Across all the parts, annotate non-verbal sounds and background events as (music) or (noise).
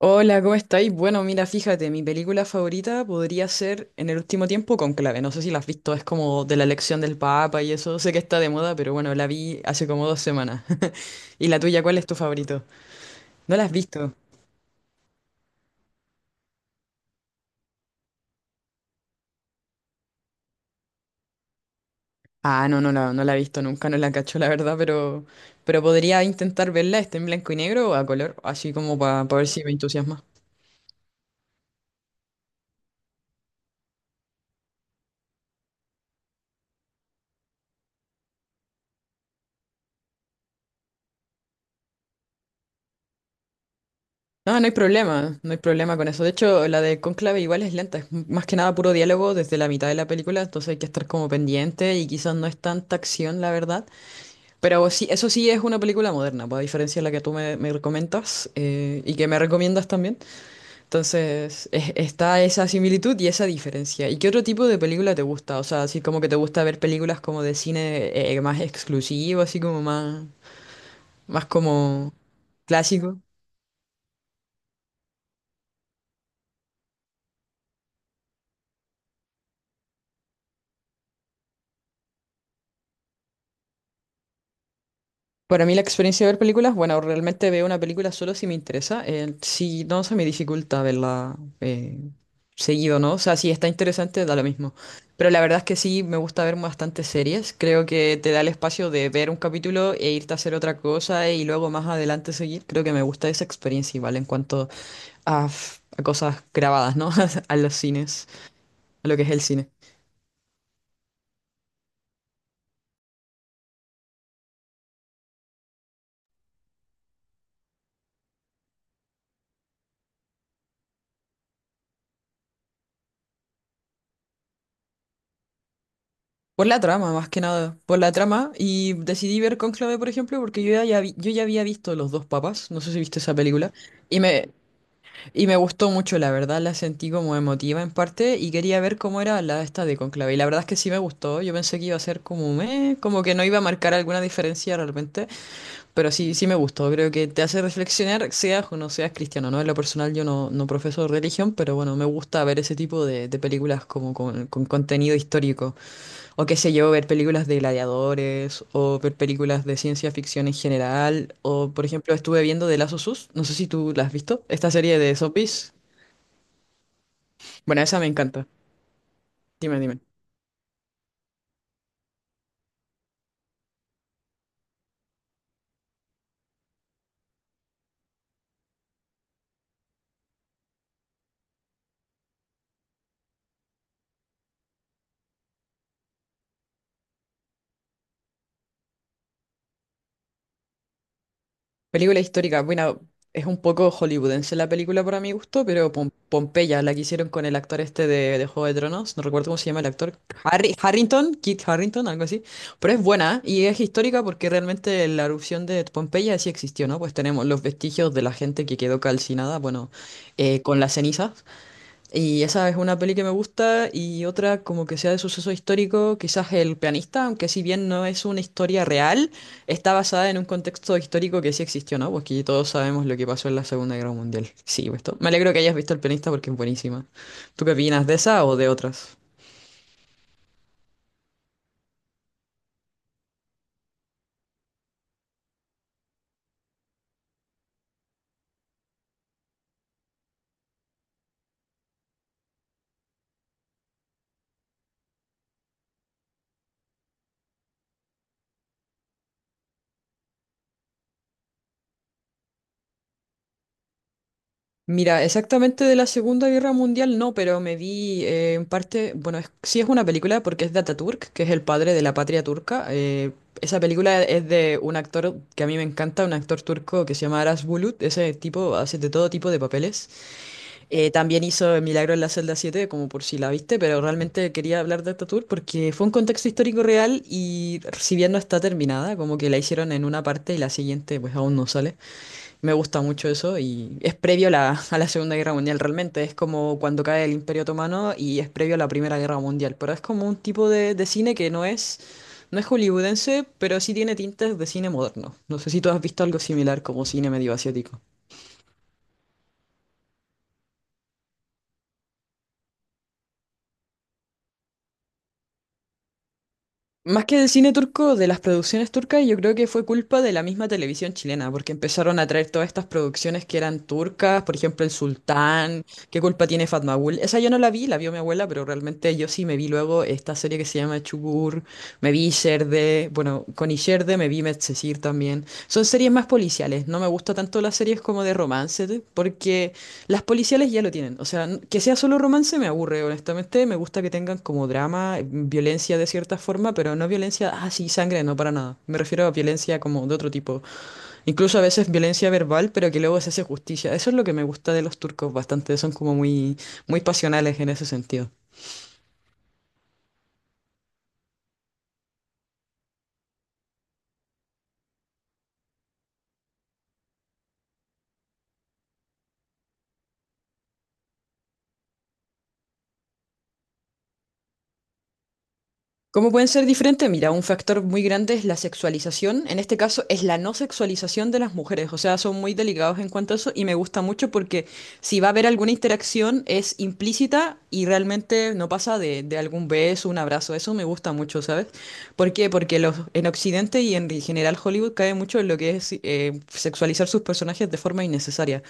Hola, ¿cómo estáis? Bueno, mira, fíjate, mi película favorita podría ser En el último tiempo Conclave. No sé si la has visto, es como de la elección del Papa y eso. Sé que está de moda, pero bueno, la vi hace como 2 semanas. (laughs) ¿Y la tuya, cuál es tu favorito? ¿No la has visto? Ah, no, no la he visto nunca, no la cacho, la verdad, pero podría intentar verla, ¿está en blanco y negro o a color, así como para ver si me entusiasma? No, no hay problema, no hay problema con eso. De hecho, la de Cónclave igual es lenta, es más que nada puro diálogo desde la mitad de la película, entonces hay que estar como pendiente y quizás no es tanta acción, la verdad. Pero sí, eso sí es una película moderna, pues, a diferencia de la que tú me comentas, y que me recomiendas también. Entonces, está esa similitud y esa diferencia. ¿Y qué otro tipo de película te gusta? O sea, así como que te gusta ver películas como de cine, más exclusivo, así como más como clásico. Para mí la experiencia de ver películas, bueno, realmente veo una película solo si me interesa. Si no, se me dificulta verla, seguido, ¿no? O sea, si está interesante, da lo mismo. Pero la verdad es que sí, me gusta ver bastantes series. Creo que te da el espacio de ver un capítulo e irte a hacer otra cosa y luego más adelante seguir. Creo que me gusta esa experiencia igual en cuanto a cosas grabadas, ¿no? (laughs) A los cines, a lo que es el cine. Por la trama, más que nada, por la trama. Y decidí ver Cónclave, por ejemplo, porque yo ya había visto Los dos papas, no sé si viste esa película, y me, y me gustó mucho, la verdad, la sentí como emotiva en parte, y quería ver cómo era la esta de Cónclave. Y la verdad es que sí me gustó, yo pensé que iba a ser como, meh, como que no iba a marcar alguna diferencia realmente, pero sí, sí me gustó, creo que te hace reflexionar, seas o no seas cristiano, ¿no? En lo personal yo no profeso religión, pero bueno, me gusta ver ese tipo de películas como con contenido histórico. O qué sé yo, ver películas de gladiadores, o ver películas de ciencia ficción en general, o por ejemplo estuve viendo The Last of Us, no sé si tú la has visto, esta serie de zombies. Bueno, esa me encanta. Dime, dime. Película histórica, bueno, es un poco hollywoodense la película para mi gusto, pero Pompeya, la que hicieron con el actor este de Juego de Tronos, no recuerdo cómo se llama el actor, Harry, Harrington, Kit Harrington, algo así, pero es buena y es histórica porque realmente la erupción de Pompeya sí existió, ¿no? Pues tenemos los vestigios de la gente que quedó calcinada, bueno, con las cenizas. Y esa es una peli que me gusta y otra como que sea de suceso histórico, quizás El pianista, aunque si bien no es una historia real, está basada en un contexto histórico que sí existió, ¿no? Porque todos sabemos lo que pasó en la Segunda Guerra Mundial. Sí, pues, me alegro que hayas visto El pianista porque es buenísima. ¿Tú qué opinas de esa o de otras? Mira, exactamente de la Segunda Guerra Mundial no, pero me vi, en parte, bueno, sí es una película porque es de Ataturk, que es el padre de la patria turca. Esa película es de un actor que a mí me encanta, un actor turco que se llama Aras Bulut. Ese tipo hace de todo tipo de papeles. También hizo El Milagro en la celda 7, como por si la viste, pero realmente quería hablar de Ataturk porque fue un contexto histórico real y si bien no está terminada, como que la hicieron en una parte y la siguiente pues aún no sale. Me gusta mucho eso y es previo a la Segunda Guerra Mundial realmente. Es como cuando cae el Imperio Otomano y es previo a la Primera Guerra Mundial. Pero es como un tipo de cine que no es hollywoodense, pero sí tiene tintes de cine moderno. No sé si tú has visto algo similar como cine medio asiático. Más que del cine turco, de las producciones turcas, yo creo que fue culpa de la misma televisión chilena, porque empezaron a traer todas estas producciones que eran turcas, por ejemplo, El Sultán, ¿qué culpa tiene Fatmagul? Esa yo no la vi, la vio mi abuela, pero realmente yo sí me vi luego esta serie que se llama Çukur, me vi Sherde, bueno, con Isherde me vi Medcezir también. Son series más policiales, no me gusta tanto las series como de romance, porque las policiales ya lo tienen. O sea, que sea solo romance me aburre, honestamente. Me gusta que tengan como drama, violencia de cierta forma, pero no violencia, ah, sí, sangre, no, para nada. Me refiero a violencia como de otro tipo. Incluso a veces violencia verbal, pero que luego se hace justicia. Eso es lo que me gusta de los turcos bastante. Son como muy, muy pasionales en ese sentido. ¿Cómo pueden ser diferentes? Mira, un factor muy grande es la sexualización. En este caso es la no sexualización de las mujeres. O sea, son muy delicados en cuanto a eso y me gusta mucho porque si va a haber alguna interacción es implícita y realmente no pasa de algún beso, un abrazo. Eso me gusta mucho, ¿sabes? ¿Por qué? Porque los, en Occidente y en general Hollywood cae mucho en lo que es sexualizar sus personajes de forma innecesaria.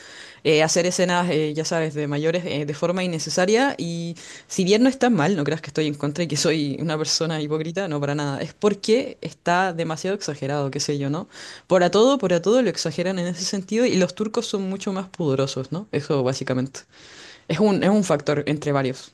Hacer escenas, ya sabes, de mayores, de forma innecesaria y si bien no está mal, no creas que estoy en contra y que soy una persona hipócrita, no, para nada. Es porque está demasiado exagerado, qué sé yo, ¿no? Por a todo lo exageran en ese sentido y los turcos son mucho más pudorosos, ¿no? Eso básicamente. Es un factor entre varios.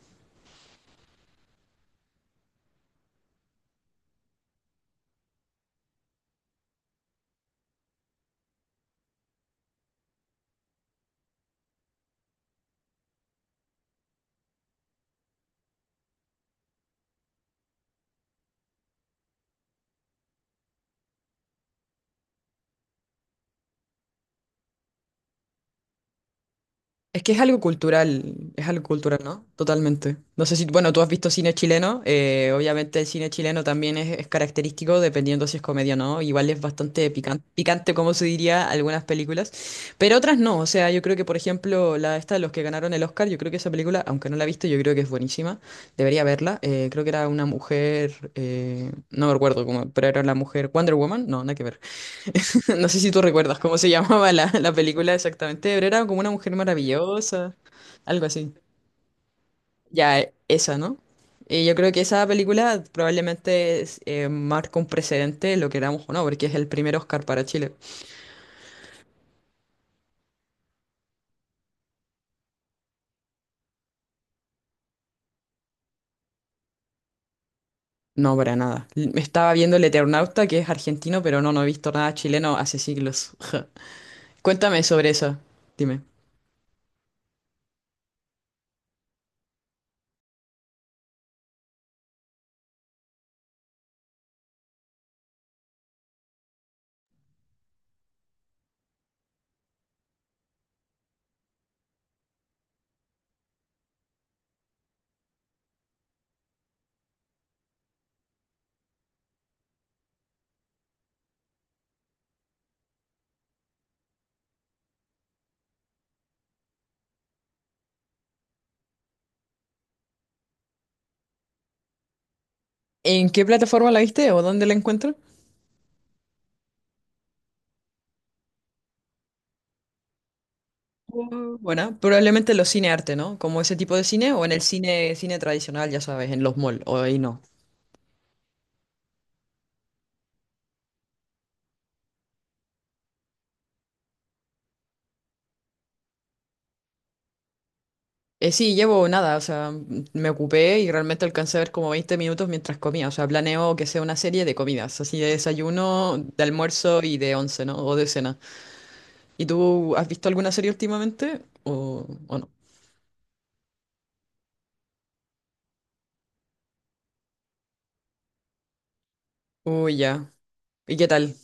Es que es algo cultural, ¿no? Totalmente. No sé si, bueno, tú has visto cine chileno, obviamente el cine chileno también es característico dependiendo si es comedia o no, igual es bastante picante, como se diría, algunas películas, pero otras no, o sea, yo creo que, por ejemplo, la esta, de los que ganaron el Oscar, yo creo que esa película, aunque no la he visto, yo creo que es buenísima, debería verla, creo que era una mujer, no me recuerdo cómo, pero era la mujer Wonder Woman, no, nada que ver. (laughs) No sé si tú recuerdas cómo se (laughs) llamaba la película exactamente, pero era como una mujer maravillosa, algo así. Ya, esa, ¿no? Y yo creo que esa película probablemente marca un precedente, lo queramos o no, porque es el primer Oscar para Chile. No, para nada. Me estaba viendo El Eternauta, que es argentino, pero no he visto nada chileno hace siglos. (laughs) Cuéntame sobre esa, dime. ¿En qué plataforma la viste o dónde la encuentro? Buena, probablemente los cine arte, ¿no? Como ese tipo de cine, o en el cine tradicional, ya sabes, en los malls, o ahí no. Sí, llevo nada, o sea, me ocupé y realmente alcancé a ver como 20 minutos mientras comía, o sea, planeo que sea una serie de comidas, así de desayuno, de almuerzo y de once, ¿no? O de cena. ¿Y tú has visto alguna serie últimamente? ¿O no? Uy, ya. ¿Y qué tal?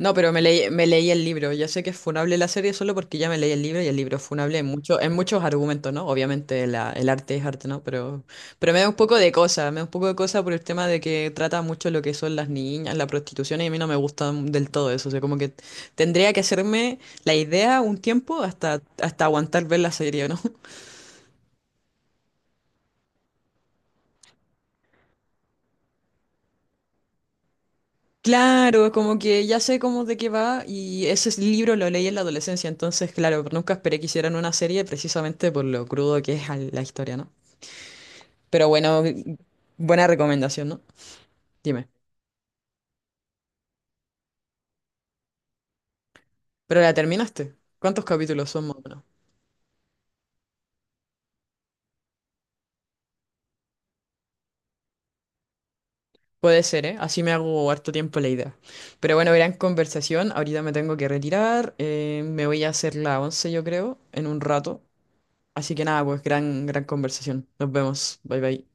No, pero me leí el libro. Ya sé que es funable la serie solo porque ya me leí el libro y el libro es funable en muchos argumentos, ¿no? Obviamente el arte es arte, ¿no? Pero me da un poco de cosa, me da un poco de cosa por el tema de que trata mucho lo que son las niñas, la prostitución y a mí no me gusta del todo eso. O sea, como que tendría que hacerme la idea un tiempo hasta aguantar ver la serie, ¿no? (laughs) Claro, como que ya sé cómo de qué va y ese libro lo leí en la adolescencia, entonces claro, nunca esperé que hicieran una serie precisamente por lo crudo que es la historia, ¿no? Pero bueno, buena recomendación, ¿no? Dime. ¿Pero la terminaste? ¿Cuántos capítulos son más o menos? Puede ser, ¿eh? Así me hago harto tiempo la idea. Pero bueno, gran conversación. Ahorita me tengo que retirar. Me voy a hacer la once, yo creo, en un rato. Así que nada, pues gran, gran conversación. Nos vemos. Bye bye.